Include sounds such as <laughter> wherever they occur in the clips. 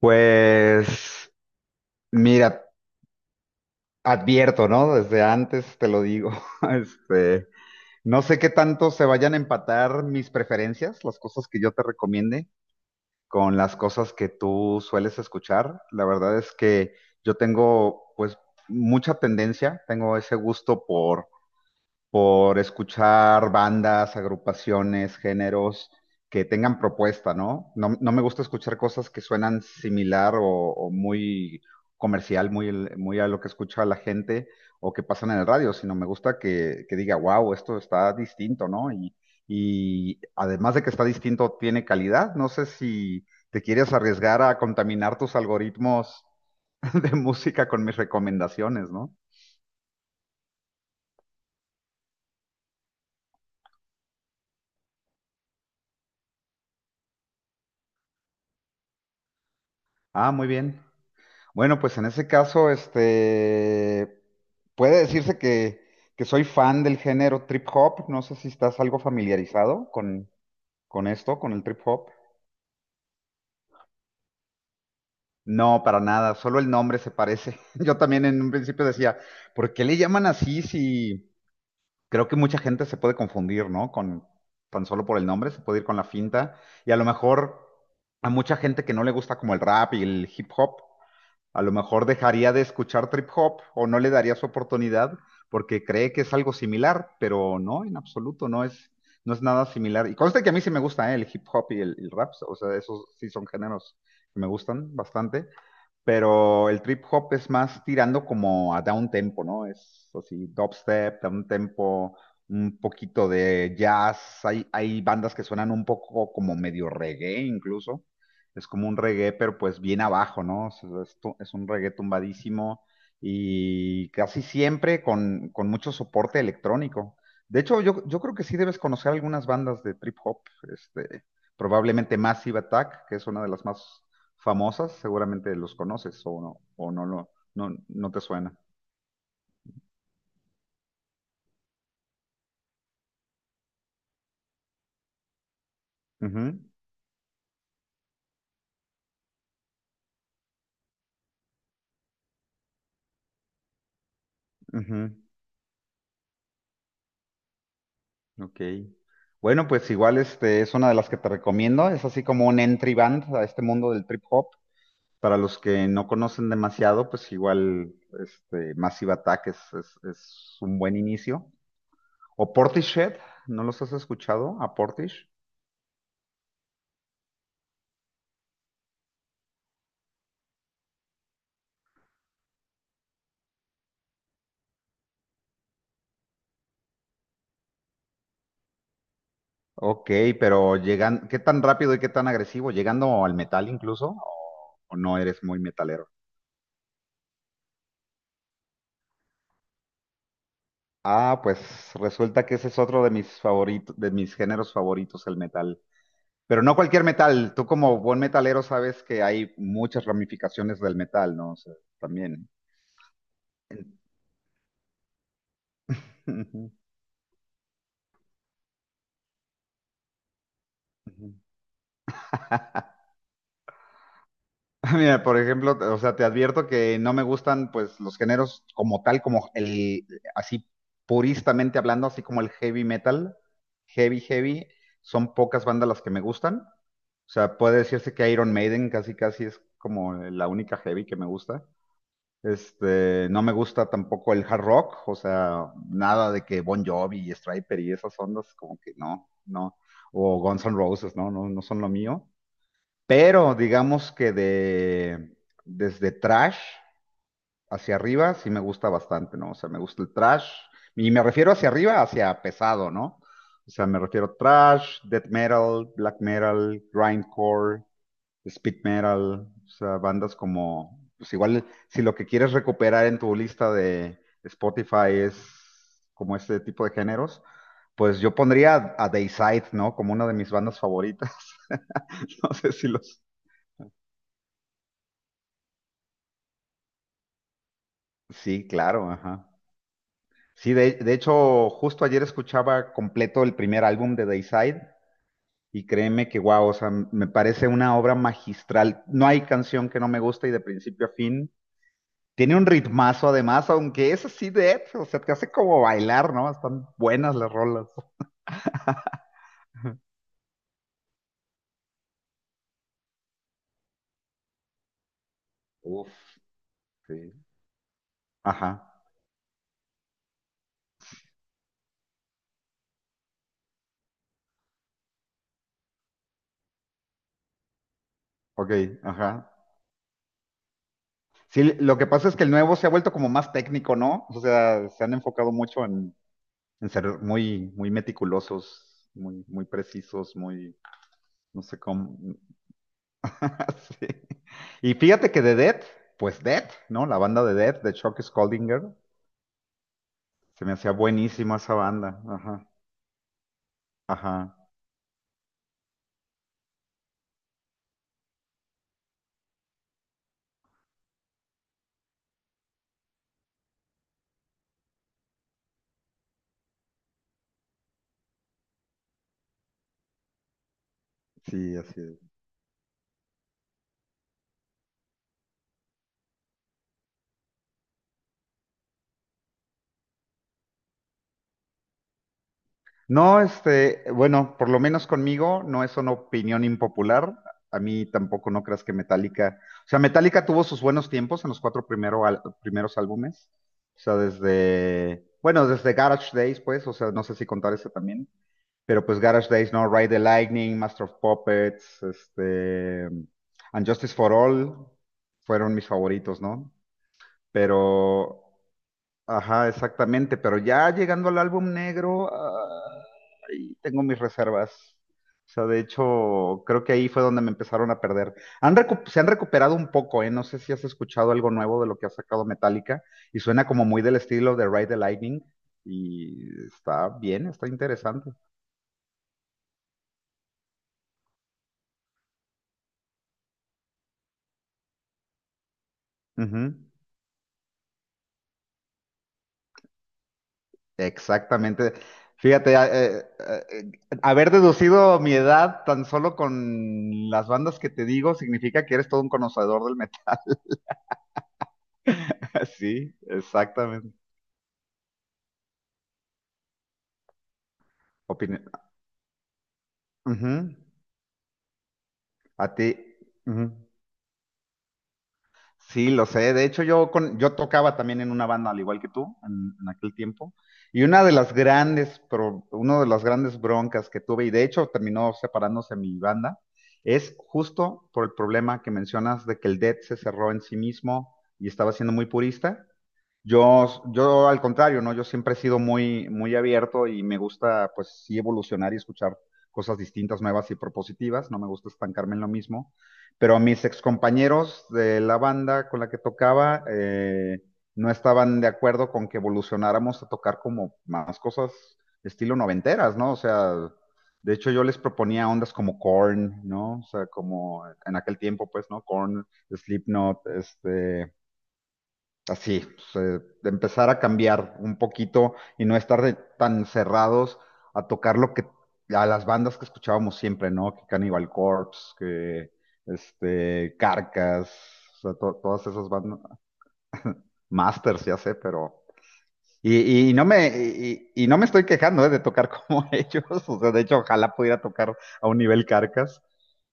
Pues mira, advierto, ¿no? Desde antes te lo digo. <laughs> Este, no sé qué tanto se vayan a empatar mis preferencias, las cosas que yo te recomiende, con las cosas que tú sueles escuchar. La verdad es que yo tengo, pues, mucha tendencia, tengo ese gusto por escuchar bandas, agrupaciones, géneros que tengan propuesta, ¿no? No, no me gusta escuchar cosas que suenan similar o muy comercial, muy, muy a lo que escucha la gente o que pasan en el radio, sino me gusta que diga, wow, esto está distinto, ¿no? Y además de que está distinto, tiene calidad. No sé si te quieres arriesgar a contaminar tus algoritmos <laughs> de música con mis recomendaciones, ¿no? Ah, muy bien. Bueno, pues en ese caso, puede decirse que soy fan del género trip hop. No sé si estás algo familiarizado con esto, con el trip hop. No, para nada, solo el nombre se parece. <laughs> Yo también en un principio decía, ¿por qué le llaman así si creo que mucha gente se puede confundir, ¿no? Con tan solo por el nombre, se puede ir con la finta. Y a lo mejor a mucha gente que no le gusta como el rap y el hip hop. A lo mejor dejaría de escuchar trip hop o no le daría su oportunidad porque cree que es algo similar, pero no, en absoluto, no es nada similar. Y conste que a mí sí me gusta, ¿eh? El hip hop y el rap, o sea, esos sí son géneros que me gustan bastante, pero el trip hop es más tirando como a down tempo, ¿no? Es así, dubstep, down tempo, un poquito de jazz. Hay bandas que suenan un poco como medio reggae incluso. Es como un reggae, pero pues bien abajo, ¿no? O sea, es, es un reggae tumbadísimo y casi siempre con mucho soporte electrónico. De hecho, yo creo que sí debes conocer algunas bandas de trip hop, este, probablemente Massive Attack, que es una de las más famosas, seguramente los conoces o no, no, no te suena. Ujú, ujú, ok. Bueno, pues igual este es una de las que te recomiendo. Es así como un entry band a este mundo del trip hop. Para los que no conocen demasiado, pues igual este Massive Attack es un buen inicio. O Portishead, ¿no los has escuchado? A Portish. Ok, pero llegan, ¿qué tan rápido y qué tan agresivo? ¿Llegando al metal incluso? O no eres muy metalero? Ah, pues resulta que ese es otro de mis favoritos, de mis géneros favoritos, el metal. Pero no cualquier metal. Tú como buen metalero sabes que hay muchas ramificaciones del metal, ¿no? O sea, también. Ujú, ujú. <laughs> Mira, por ejemplo, o sea, te advierto que no me gustan pues los géneros como tal, como así puristamente hablando, así como el heavy metal, heavy, son pocas bandas las que me gustan. O sea, puede decirse que Iron Maiden casi es como la única heavy que me gusta. No me gusta tampoco el hard rock, o sea, nada de que Bon Jovi y Striper y esas ondas, como que no, no. O Guns N' Roses, no, no, no son lo mío. Pero digamos que de desde trash hacia arriba sí me gusta bastante, ¿no? O sea, me gusta el trash. Y me refiero hacia arriba, hacia pesado, ¿no? O sea, me refiero a trash, death metal, black metal, grindcore, speed metal, o sea, bandas como, pues igual, si lo que quieres recuperar en tu lista de Spotify es como este tipo de géneros, pues yo pondría a Dayside, ¿no? Como una de mis bandas favoritas. <laughs> No sé si los... Sí, claro, ajá. Sí, de hecho, justo ayer escuchaba completo el primer álbum de Dayside y créeme que, wow, o sea, me parece una obra magistral. No hay canción que no me guste y de principio a fin tiene un ritmazo además, aunque es así de Ed, o sea, te hace como bailar, ¿no? Están buenas las rolas. Uf, sí. Ajá, ok, ajá. Sí, lo que pasa es que el nuevo se ha vuelto como más técnico, ¿no? O sea, se han enfocado mucho en ser muy, muy meticulosos, muy, muy precisos, muy, no sé cómo. <laughs> Sí. Y fíjate que de death pues death, ¿no? La banda de death de Chuck Scoldinger, se me hacía buenísima esa banda. Ajá, ajá, sí, así es. No, bueno, por lo menos conmigo no es una opinión impopular. A mí tampoco no creas que Metallica, o sea, Metallica tuvo sus buenos tiempos en los cuatro primero primeros álbumes. O sea, desde, bueno, desde Garage Days, pues, o sea, no sé si contar ese también, pero pues Garage Days, ¿no? Ride the Lightning, Master of Puppets, And Justice for All fueron mis favoritos, ¿no? Pero ajá, exactamente, pero ya llegando al álbum negro, ahí tengo mis reservas. O sea, de hecho, creo que ahí fue donde me empezaron a perder. Se han recuperado un poco, ¿eh? No sé si has escuchado algo nuevo de lo que ha sacado Metallica y suena como muy del estilo de Ride the Lightning y está bien, está interesante. Ujú, exactamente. Fíjate, haber deducido mi edad tan solo con las bandas que te digo significa que eres todo un conocedor del metal. <laughs> Sí, exactamente. Opini- Ujú. A ti. Ujú. Sí, lo sé. De hecho, yo tocaba también en una banda, al igual que tú, en aquel tiempo. Y una de las uno de las grandes broncas que tuve, y de hecho terminó separándose mi banda, es justo por el problema que mencionas de que el Dead se cerró en sí mismo y estaba siendo muy purista. Yo al contrario, ¿no? Yo siempre he sido muy, muy abierto y me gusta, pues sí, evolucionar y escuchar cosas distintas, nuevas y propositivas. No me gusta estancarme en lo mismo. Pero mis excompañeros de la banda con la que tocaba no estaban de acuerdo con que evolucionáramos a tocar como más cosas estilo noventeras, ¿no? O sea, de hecho yo les proponía ondas como Korn, ¿no? O sea, como en aquel tiempo, pues, ¿no? Korn, Slipknot, así, pues, de empezar a cambiar un poquito y no estar tan cerrados a tocar a las bandas que escuchábamos siempre, ¿no? Que Cannibal Corpse, que Carcass, o sea, todas esas bandas, Masters, ya sé, pero y no me estoy quejando, de tocar como <laughs> ellos. O sea, de hecho, ojalá pudiera tocar a un nivel Carcas.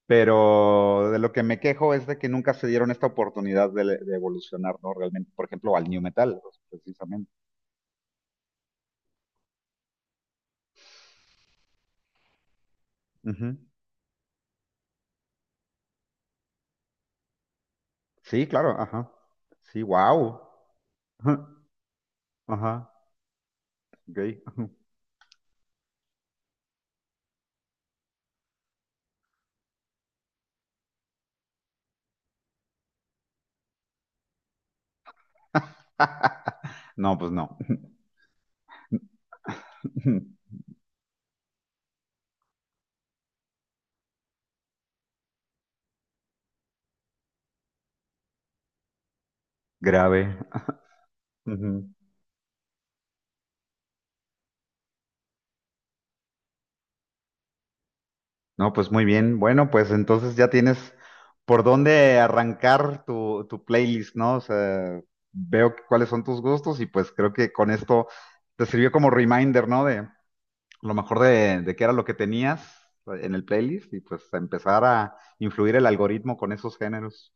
Pero de lo que me quejo es de que nunca se dieron esta oportunidad de evolucionar, ¿no? Realmente, por ejemplo, al New Metal, pues, precisamente. Ujú. Sí, claro, ajá. Sí, wow. <laughs> Ajá, ok. <laughs> No, pues no. <laughs> Grave. <laughs> Ujú. No, pues muy bien. Bueno, pues entonces ya tienes por dónde arrancar tu, tu playlist, ¿no? O sea, cuáles son tus gustos y pues creo que con esto te sirvió como reminder, ¿no? De lo mejor de qué era lo que tenías en el playlist y pues a empezar a influir el algoritmo con esos géneros.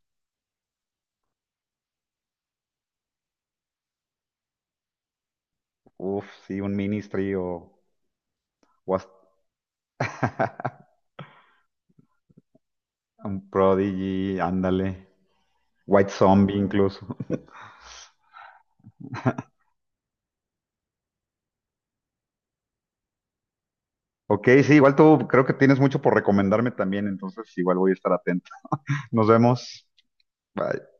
Uf, sí, un Ministry o hasta <laughs> un Prodigy, ándale. White Zombie incluso. <laughs> Ok, sí, igual tú creo que tienes mucho por recomendarme también, entonces igual voy a estar atento. Nos vemos. Bye.